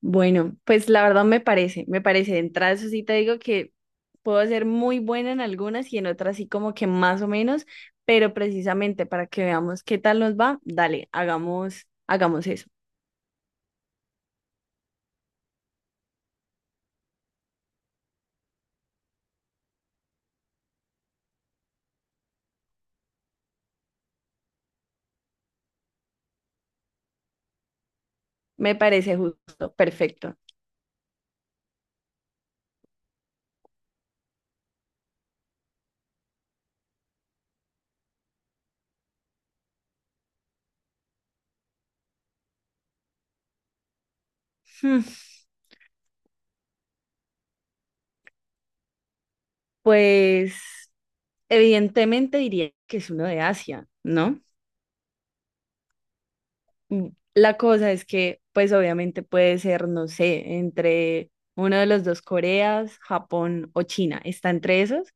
Bueno, pues la verdad me parece. De entrada, eso sí te digo que puedo ser muy buena en algunas y en otras sí como que más o menos, pero precisamente para que veamos qué tal nos va, dale, hagamos eso. Me parece justo, perfecto. Hmm, Pues evidentemente diría que es uno de Asia, ¿no? Mm, la cosa es que, pues obviamente puede ser, no sé, entre uno de los dos Coreas, Japón o China. ¿Está entre esos?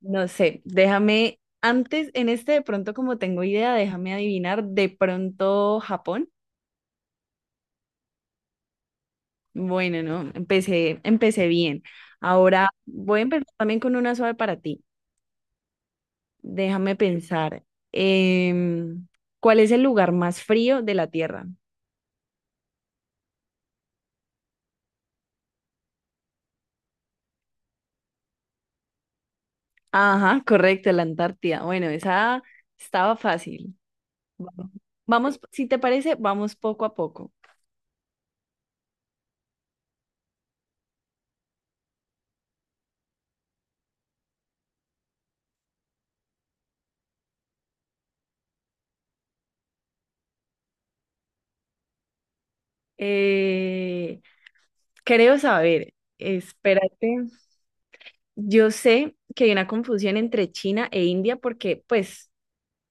No sé, déjame, antes, en este de pronto como tengo idea, déjame adivinar, de pronto Japón. Bueno, no, empecé bien. Ahora voy a empezar también con una suave para ti. Déjame pensar, em, ¿cuál es el lugar más frío de la Tierra? Ajá, correcto, la Antártida. Bueno, esa estaba fácil. Vamos, vamos, si te parece, vamos poco a poco. Eh, creo saber, espérate. Yo sé que hay una confusión entre China e India porque, pues,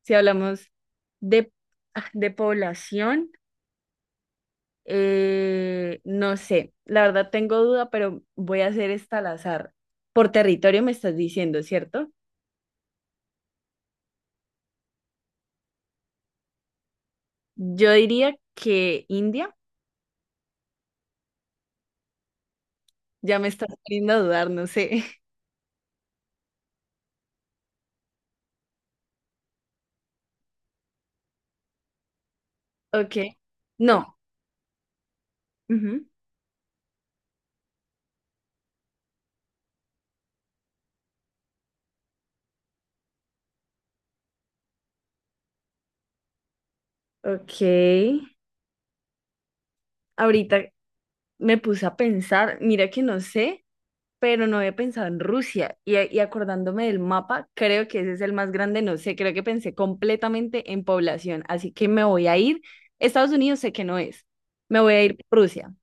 si hablamos de, de población, no sé, la verdad tengo duda, pero voy a hacer esta al azar. Por territorio me estás diciendo, ¿cierto? Yo diría que India, ya me estás poniendo a dudar, no sé. Ok, no. Ujú. Ok, ahorita me puse a pensar, mira que no sé, pero no había pensado en Rusia. Y acordándome del mapa, creo que ese es el más grande, no sé, creo que pensé completamente en población, así que me voy a ir. Estados Unidos sé que no es, me voy a ir por Rusia.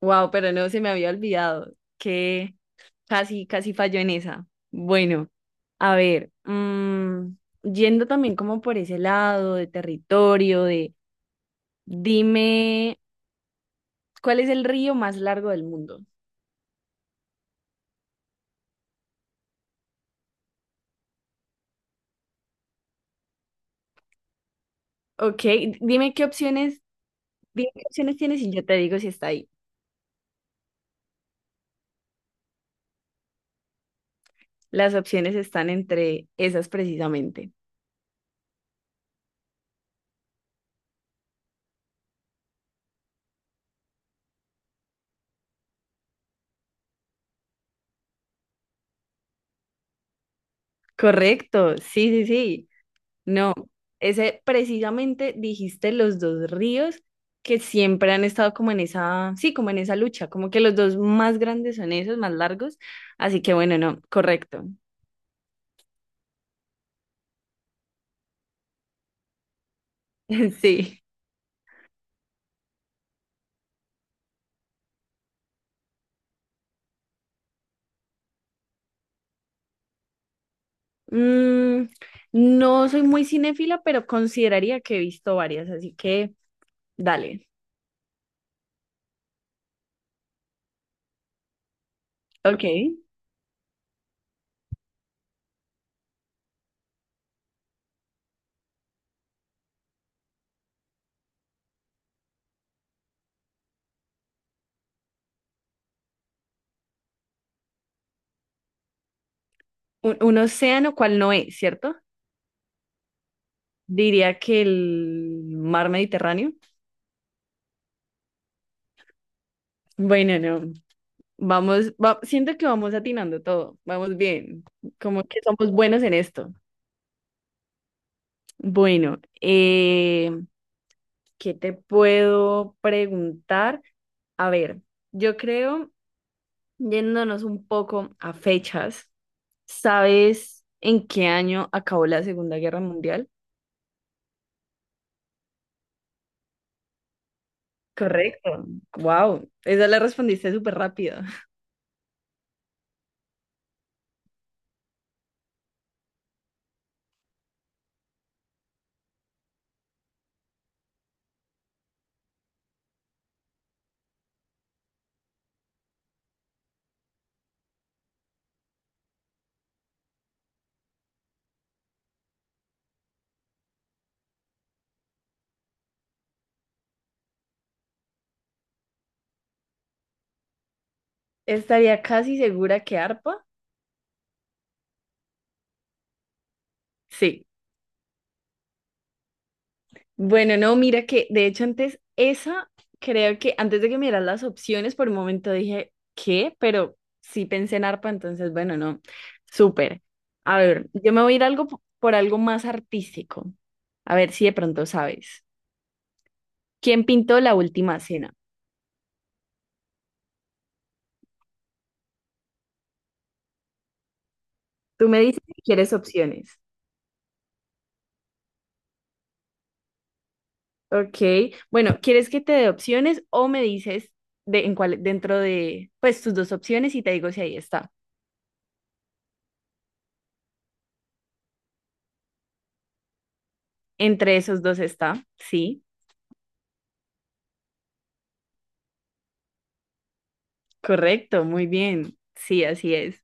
Wow, pero no, se me había olvidado que casi, casi falló en esa. Bueno, a ver, yendo también como por ese lado de territorio, de dime, ¿cuál es el río más largo del mundo? Ok, dime qué opciones Dime qué opciones tienes y yo te digo si está ahí. Las opciones están entre esas precisamente. Correcto, sí, sí, sí. No, ese precisamente dijiste los dos ríos que siempre han estado como en esa, sí, como en esa lucha, como que los dos más grandes son esos, más largos. Así que bueno, no, correcto. Sí. Mm, no soy muy cinéfila, pero consideraría que he visto varias, así que dale. Ok. Un océano, ¿cuál no es, cierto? Diría que el mar Mediterráneo. Bueno, no. Vamos, siento que vamos atinando todo. Vamos bien. Como que somos buenos en esto. Bueno, ¿qué te puedo preguntar? A ver, yo creo, yéndonos un poco a fechas, ¿sabes en qué año acabó la Segunda Guerra Mundial? Correcto. Wow, esa la respondiste súper rápido. Estaría casi segura que arpa. Sí. Bueno, no, mira que de hecho antes esa, creo que antes de que miras las opciones, por un momento dije, ¿qué? Pero sí pensé en arpa, entonces bueno, no, súper. A ver, yo me voy a ir algo por algo más artístico. A ver si de pronto sabes. ¿Quién pintó la última cena? Tú me dices si quieres opciones. Ok, bueno, ¿quieres que te dé opciones o me dices de, en cuál, dentro de, pues, tus dos opciones y te digo si ahí está? Entre esos dos está, sí. Correcto, muy bien. Sí, así es.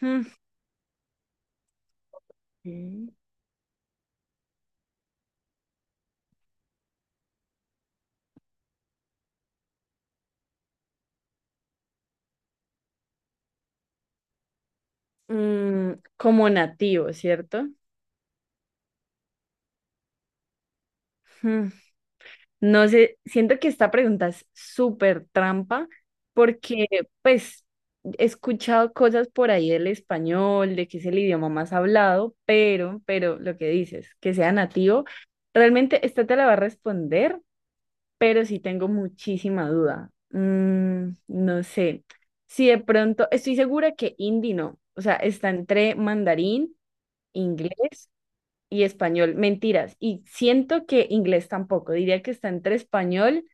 Hmm. Ok. Mm, como nativo, ¿cierto? Hmm. No sé, siento que esta pregunta es súper trampa porque pues he escuchado cosas por ahí del español, de que es el idioma más hablado, pero lo que dices, que sea nativo, realmente esta te la va a responder pero sí tengo muchísima duda. Mm, no sé. Si de pronto, estoy segura que hindi no. O sea, está entre mandarín, inglés y español. Mentiras. Y siento que inglés tampoco. Diría que está entre español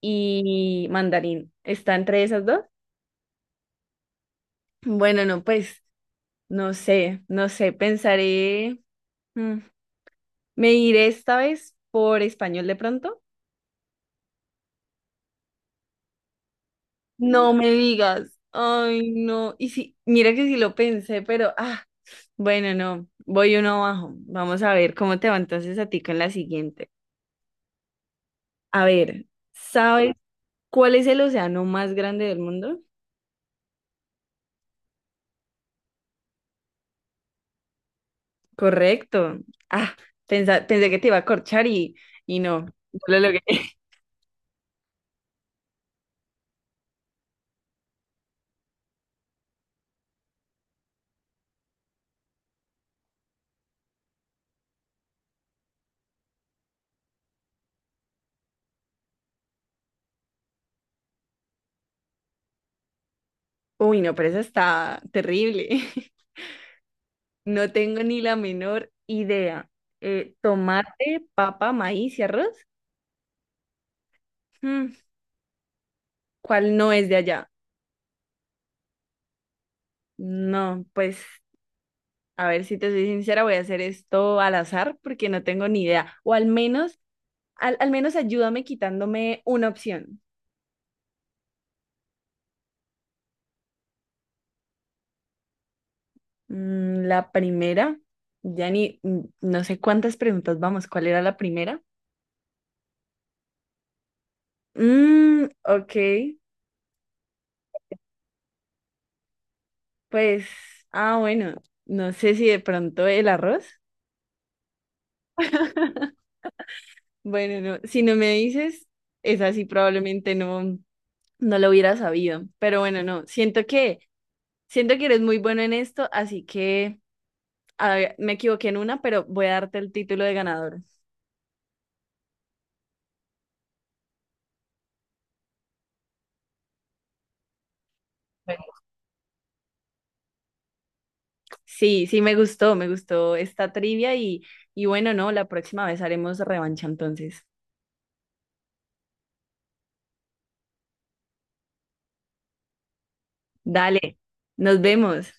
y mandarín. ¿Está entre esas dos? Bueno, no, pues no sé, no sé. Pensaré. mm, me iré esta vez por español de pronto. No me digas. Ay, no. Y sí, mira que sí lo pensé, pero ah, bueno, no. Voy uno abajo. Vamos a ver cómo te va entonces a ti con la siguiente. A ver, ¿sabes cuál es el océano más grande del mundo? Correcto. Ah, pensé que te iba a corchar y no, no lo logré. Uy, no, pero esa está terrible. No tengo ni la menor idea. Tomate, papa, maíz y arroz. Mm, ¿cuál no es de allá? No, pues a ver si te soy sincera, voy a hacer esto al azar porque no tengo ni idea. O al menos, al menos ayúdame quitándome una opción. Mm, la primera, ya ni, mm, no sé cuántas preguntas vamos, ¿cuál era la primera? Mm, ok, pues, ah, bueno, no sé si de pronto el arroz. Bueno, no, si no me dices, es así, probablemente no, no lo hubiera sabido. Pero bueno, no, siento que eres muy bueno en esto, así que... A ver, me equivoqué en una, pero voy a darte el título de ganador. Bueno, sí, sí, me gustó esta trivia y bueno, no, la próxima vez haremos revancha entonces. Dale, nos vemos.